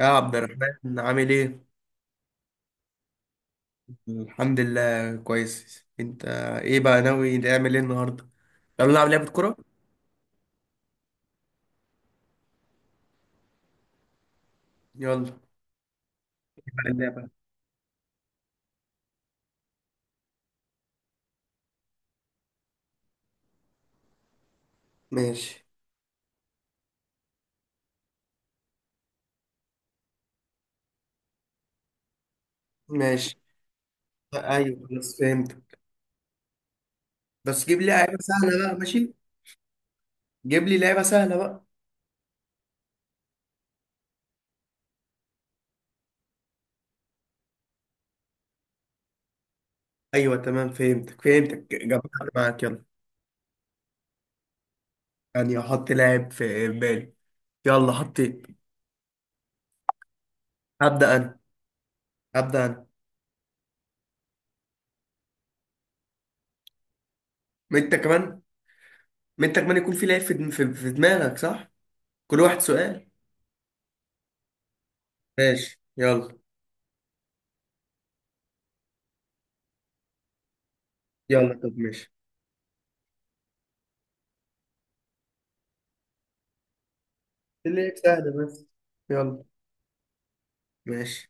يا عبد الرحمن، عامل ايه؟ الحمد لله كويس. انت؟ ايه بقى ناوي نعمل ايه النهارده؟ يلا نلعب لعبة كورة؟ يلا بقى اللعبة. ماشي، ماشي. ايوه خلاص فهمتك. بس جيب لي لعبة سهلة بقى، ماشي؟ جيب لي لعبة سهلة بقى. ايوه تمام، فهمتك فهمتك، جمعت معاك، يلا. يعني احط لاعب في بالي. يلا حطيت. هبدأ انا، هبدأ انا. ما انت كمان، ما انت كمان يكون في لعيب في دم- في في دماغك، صح؟ كل واحد سؤال. ماشي، يلا. يلا طب ماشي. اللي سهلة بس. يلا. ماشي.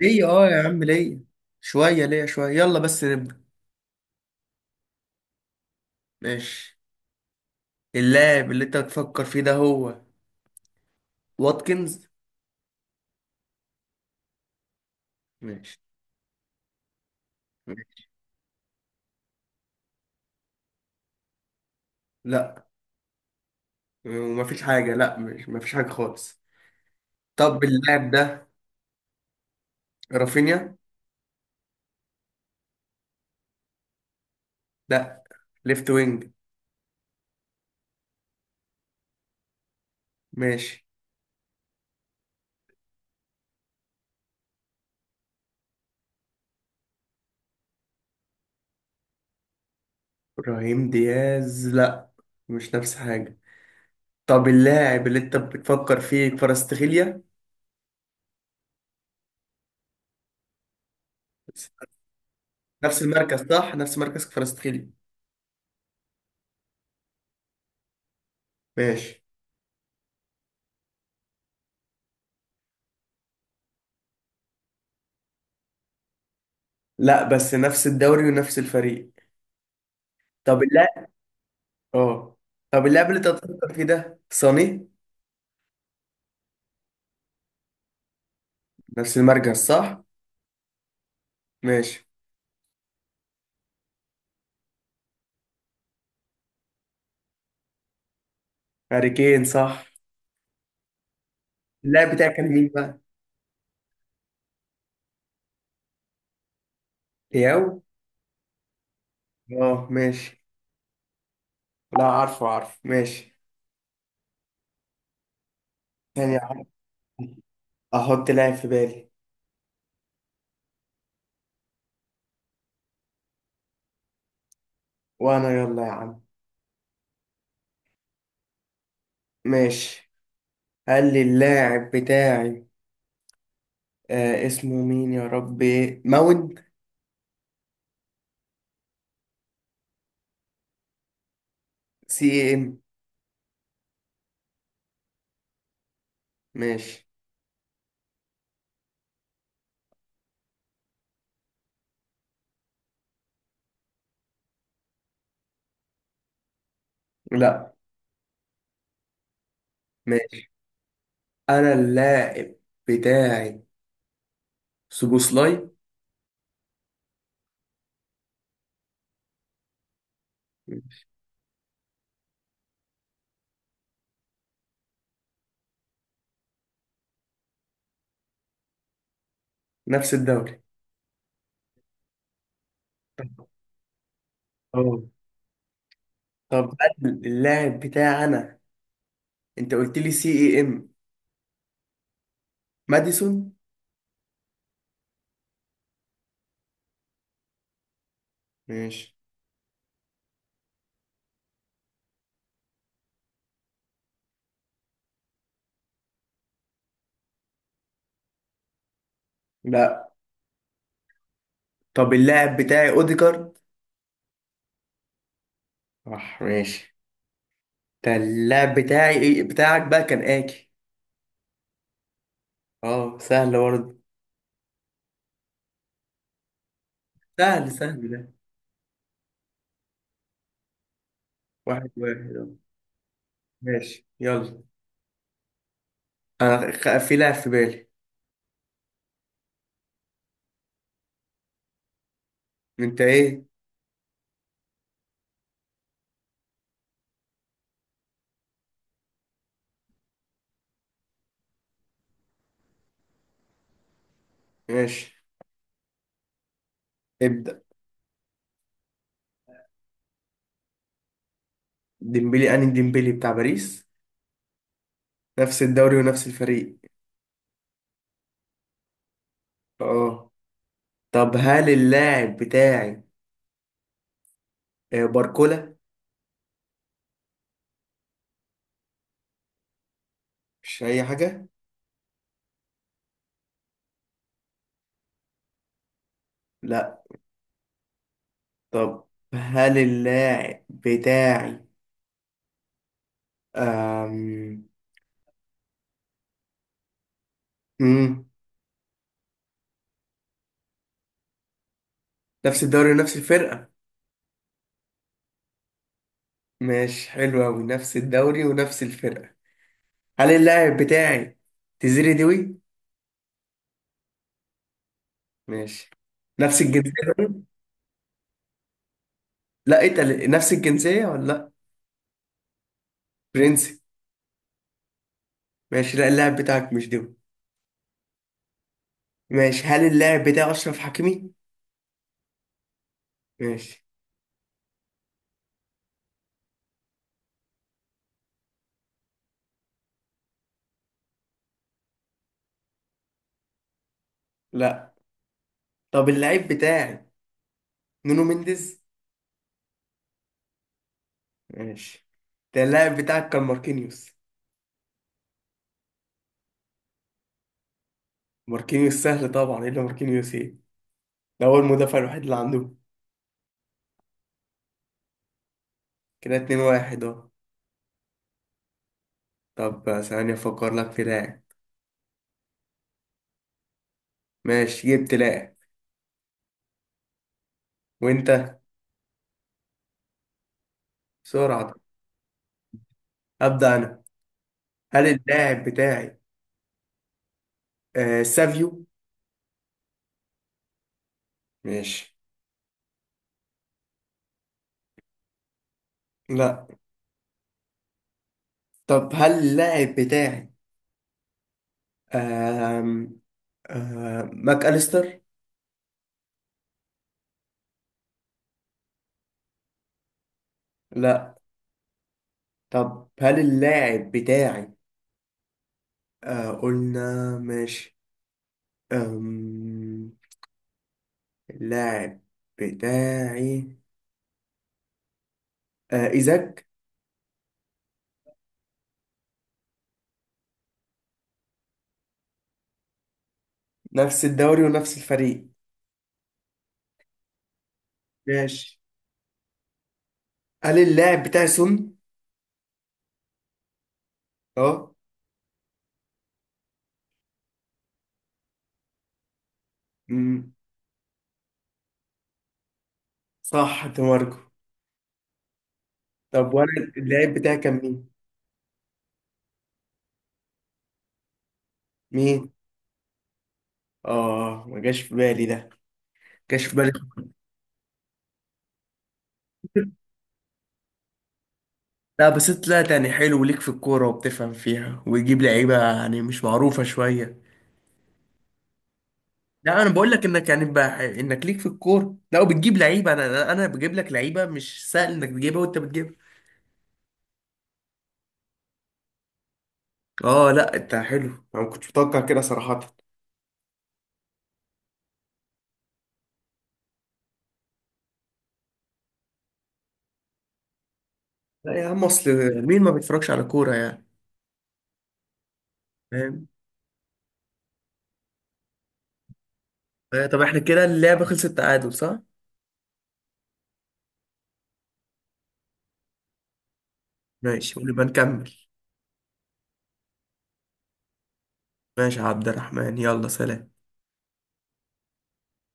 ليا اه يا عم، ليا. شوية ليا، شوية، يلا بس نبدأ. ماشي. اللاعب اللي انت بتفكر فيه ده هو واتكنز. ماشي، ماشي. لا مفيش حاجة، لا مش مفيش حاجة خالص. طب اللاعب ده رافينيا. لا، ليفت وينج. ماشي. ابراهيم دياز، لا. مش نفس حاجة. طب اللاعب اللي انت بتفكر فيه كفاراتسخيليا. نفس المركز صح، نفس مركز كفاراتسخيليا. ماشي. لا، بس نفس الدوري ونفس الفريق. طب اللاعب اه طب اللاعب اللي انت بتفكر فيه ده صاني. نفس المركز صح. ماشي. هاري كين صح. اللاعب بتاعك كان مين بقى؟ تياو. اه ماشي. لا، عارفه عارفه. ماشي. ثانية واحدة. احط لاعب في بالي. وانا يلا يا عم. ماشي. هل اللاعب بتاعي اسمه مين يا ربي، ماونت؟ سي ام. ماشي. لا، ماشي. انا اللاعب بتاعي سوبوسلاي. نفس الدوري. اه، طب هل اللاعب بتاعنا، انت قلت لي سي اي ام، ماديسون. ماشي. لا، طب اللاعب بتاعي اوديجارد. صح، ماشي. ده اللاعب بتاعي، ايه بتاعك بقى، كان اكي. اه، سهل برضه. سهل سهل ده. 1-1 اه. ماشي يلا. انا في لاعب في بالي. انت ايه؟ ماشي، ابدأ. ديمبلي. انهي ديمبلي، بتاع باريس؟ نفس الدوري ونفس الفريق. اه، طب هل اللاعب بتاعي باركولا؟ مش أي حاجة. لا، طب هل اللاعب بتاعي أم... مم. نفس الدوري ونفس الفرقة. مش حلو أوي نفس الدوري ونفس الفرقة. هل اللاعب بتاعي تزيري دوي. ماشي. نفس الجنسية. برضه؟ لا انت نفس الجنسية ولا لا؟ برنسي. ماشي، لا اللاعب بتاعك مش دوي. ماشي، هل اللاعب بتاعي أشرف حكيمي. ماشي. لا، طب اللاعب بتاعي نونو مينديز. ماشي. ده اللاعب بتاعك كان ماركينيوس. ماركينيوس سهل طبعا، الا ماركينيوس ايه، ده هو المدافع الوحيد اللي عندهم. كده 2-1 اهو. طب ثانية افكر لك في لاعب. ماشي، جبت لاعب. وانت؟ بسرعة ده. ابدأ انا. هل اللاعب بتاعي سافيو. ماشي. لا، طب هل اللاعب بتاعي آه ماك أليستر. لا، طب هل اللاعب بتاعي. آه قلنا ماشي. آم، اللاعب بتاعي إيزاك. نفس الدوري ونفس الفريق. ماشي، هل اللاعب بتاعي سون؟ اه. أمم. صح، دي ماركو. طب وانا اللاعب بتاعي كان مين؟ مين؟ اه، ما جاش في بالي ده. ما جاش في بالي. لا بس انت طلعت يعني حلو، وليك في الكورة وبتفهم فيها ويجيب لعيبة يعني مش معروفة شوية. لا انا بقول لك انك يعني انك ليك في الكورة، لا وبتجيب لعيبة، انا بجيب لك لعيبة مش سهل انك تجيبها وانت بتجيبها. اه لا انت حلو. انا ما كنتش متوقع كده صراحة. لا يا عم، اصل مين ما بيتفرجش على كورة يعني. فاهم. طب احنا كده اللعبة خلصت تعادل، صح؟ ماشي، ونبقى نكمل. ماشي يا عبد الرحمن، يلا سلام.